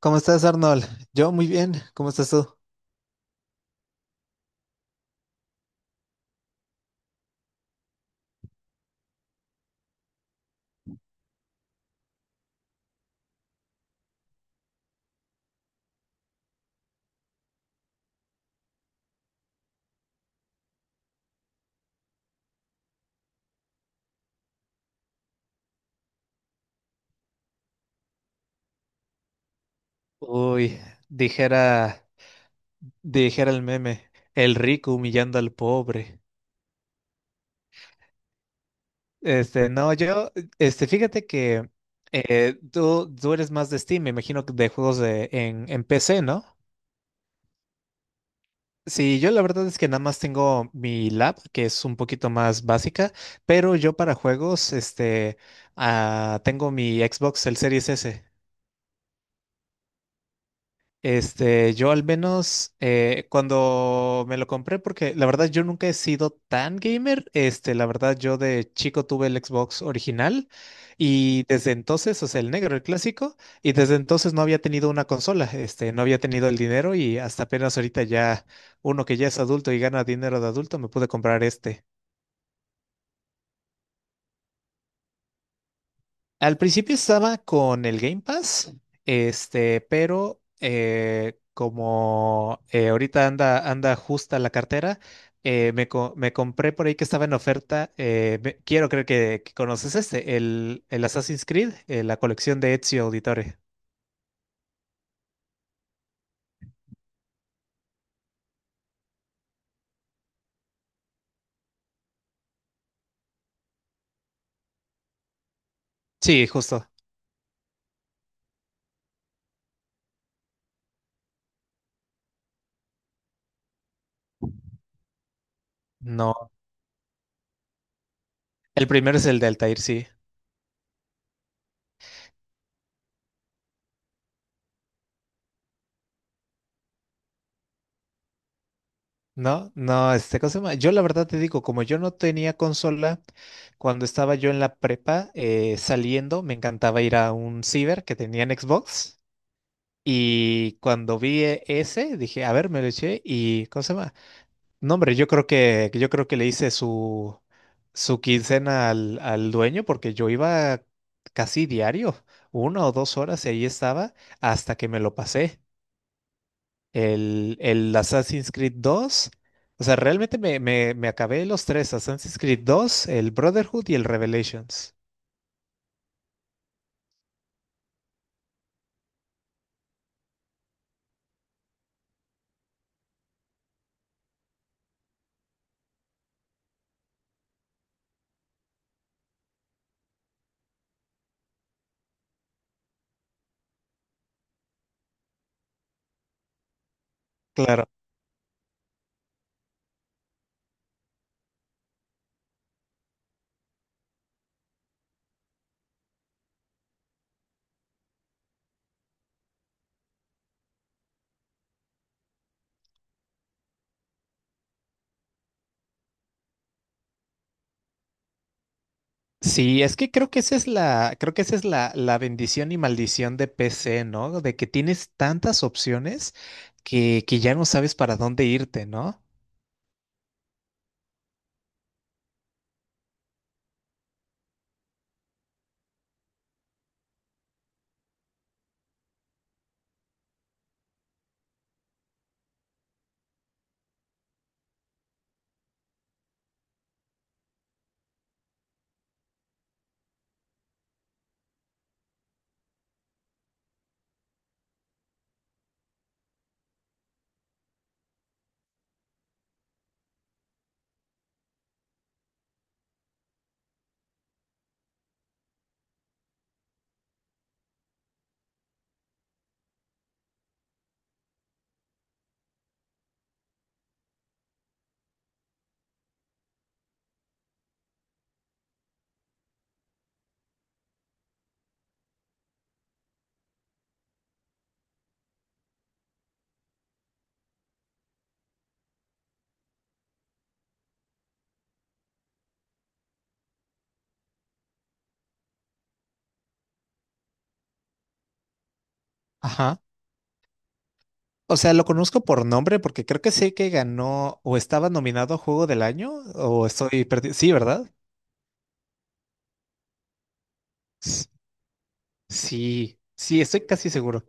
¿Cómo estás, Arnold? Yo muy bien. ¿Cómo estás tú? Uy, dijera, dijera el meme, el rico humillando al pobre. Este, no, yo, este, fíjate que tú eres más de Steam, me imagino que de juegos de, en PC, ¿no? Sí, yo la verdad es que nada más tengo mi lab, que es un poquito más básica, pero yo para juegos, este, ah, tengo mi Xbox, el Series S. Este, yo al menos cuando me lo compré, porque la verdad yo nunca he sido tan gamer, este, la verdad yo de chico tuve el Xbox original y desde entonces, o sea, el negro, el clásico, y desde entonces no había tenido una consola, este, no había tenido el dinero y hasta apenas ahorita ya uno que ya es adulto y gana dinero de adulto me pude comprar este. Al principio estaba con el Game Pass, este, pero como ahorita anda, anda justa la cartera, me, me compré por ahí que estaba en oferta. Quiero creer que conoces este, el Assassin's Creed, la colección de Ezio Auditore. Sí, justo. No, el primero es el de Altair, sí. No, no, este, ¿cómo se llama? Yo la verdad te digo, como yo no tenía consola, cuando estaba yo en la prepa saliendo, me encantaba ir a un ciber que tenía en Xbox. Y cuando vi ese, dije, a ver, me lo eché y ¿cómo se llama? No, hombre, yo creo que le hice su, su quincena al, al dueño porque yo iba casi diario, una o dos horas y ahí estaba hasta que me lo pasé el Assassin's Creed dos. O sea, realmente me, me, me acabé los tres, Assassin's Creed dos, el Brotherhood y el Revelations. Claro. Sí, es que creo que esa es la, creo que esa es la, la bendición y maldición de PC, ¿no? De que tienes tantas opciones que ya no sabes para dónde irte, ¿no? Ajá. O sea, lo conozco por nombre porque creo que sé que ganó o estaba nominado a Juego del Año o estoy perdido. Sí, ¿verdad? S- Sí, sí, estoy casi seguro.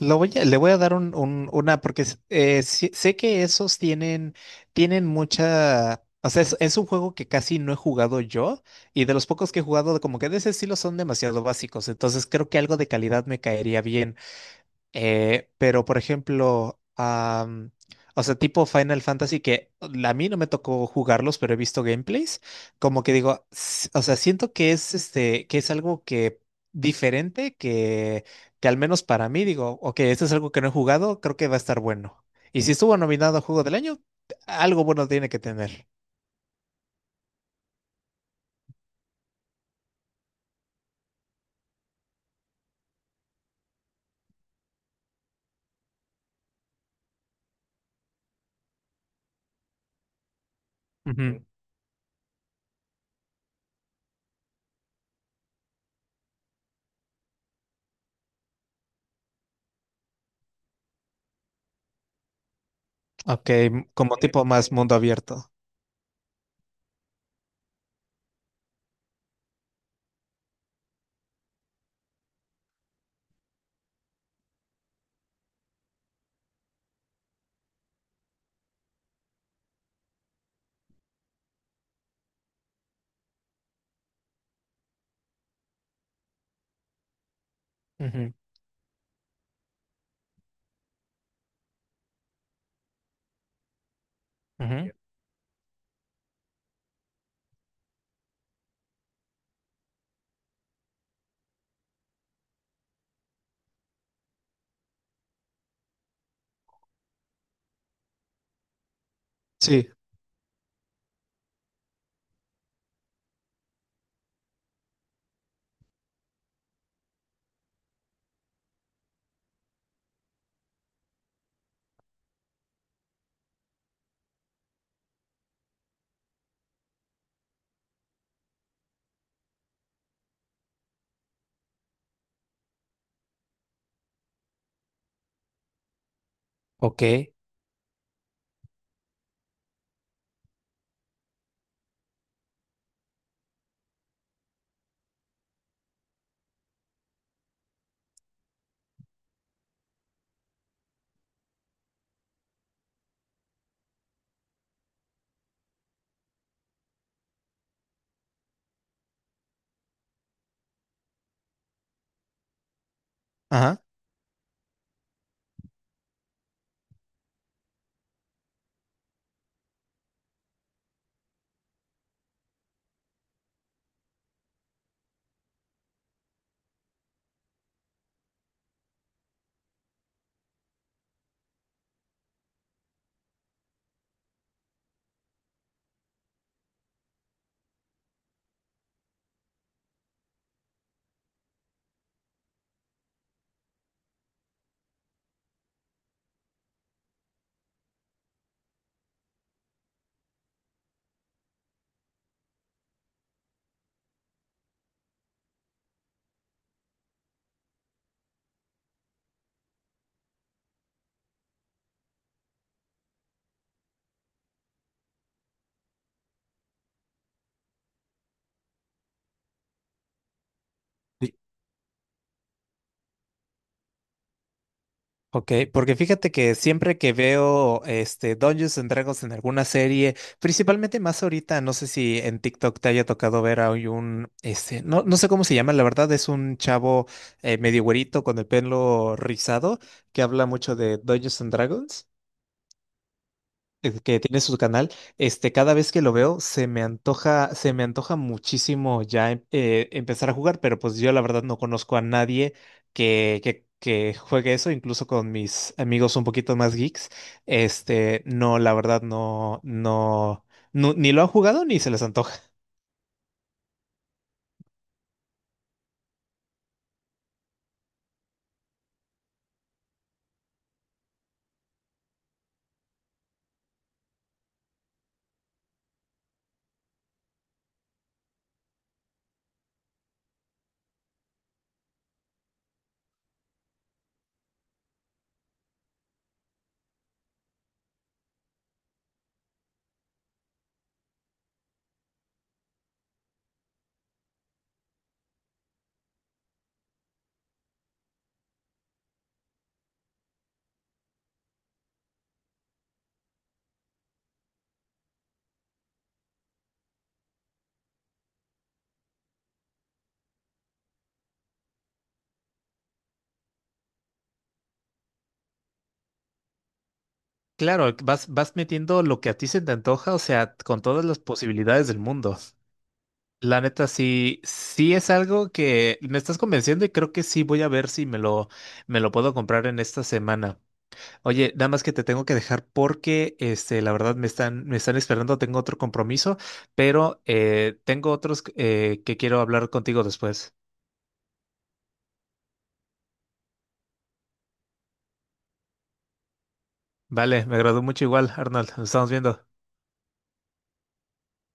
Le voy a dar un, una, porque sé que esos tienen, tienen mucha, o sea, es un juego que casi no he jugado yo y de los pocos que he jugado, como que de ese estilo son demasiado básicos, entonces creo que algo de calidad me caería bien. Pero, por ejemplo, am, o sea, tipo Final Fantasy, que a mí no me tocó jugarlos, pero he visto gameplays, como que digo, o sea, siento que es este, que es algo que diferente, que al menos para mí digo, ok, esto es algo que no he jugado, creo que va a estar bueno. Y si estuvo nominado a Juego del Año, algo bueno tiene que tener. Ujú. Ok, como tipo más mundo abierto. Ujú, ujú. Sí. Ok. Ajá. Ok, porque fíjate que siempre que veo este Dungeons and Dragons en alguna serie, principalmente más ahorita, no sé si en TikTok te haya tocado ver a hoy un este, no, no sé cómo se llama, la verdad es un chavo medio güerito con el pelo rizado que habla mucho de Dungeons and Dragons que tiene su canal, este, cada vez que lo veo se me antoja muchísimo ya empezar a jugar, pero pues yo la verdad no conozco a nadie que, que juegue eso, incluso con mis amigos un poquito más geeks, este, no, la verdad no, no, no, ni lo han jugado ni se les antoja. Claro, vas, vas metiendo lo que a ti se te antoja, o sea, con todas las posibilidades del mundo. La neta, sí, sí es algo que me estás convenciendo y creo que sí voy a ver si me lo, me lo puedo comprar en esta semana. Oye, nada más que te tengo que dejar porque, este, la verdad me están esperando, tengo otro compromiso, pero tengo otros que quiero hablar contigo después. Vale, me agradó mucho igual, Arnold, nos estamos viendo.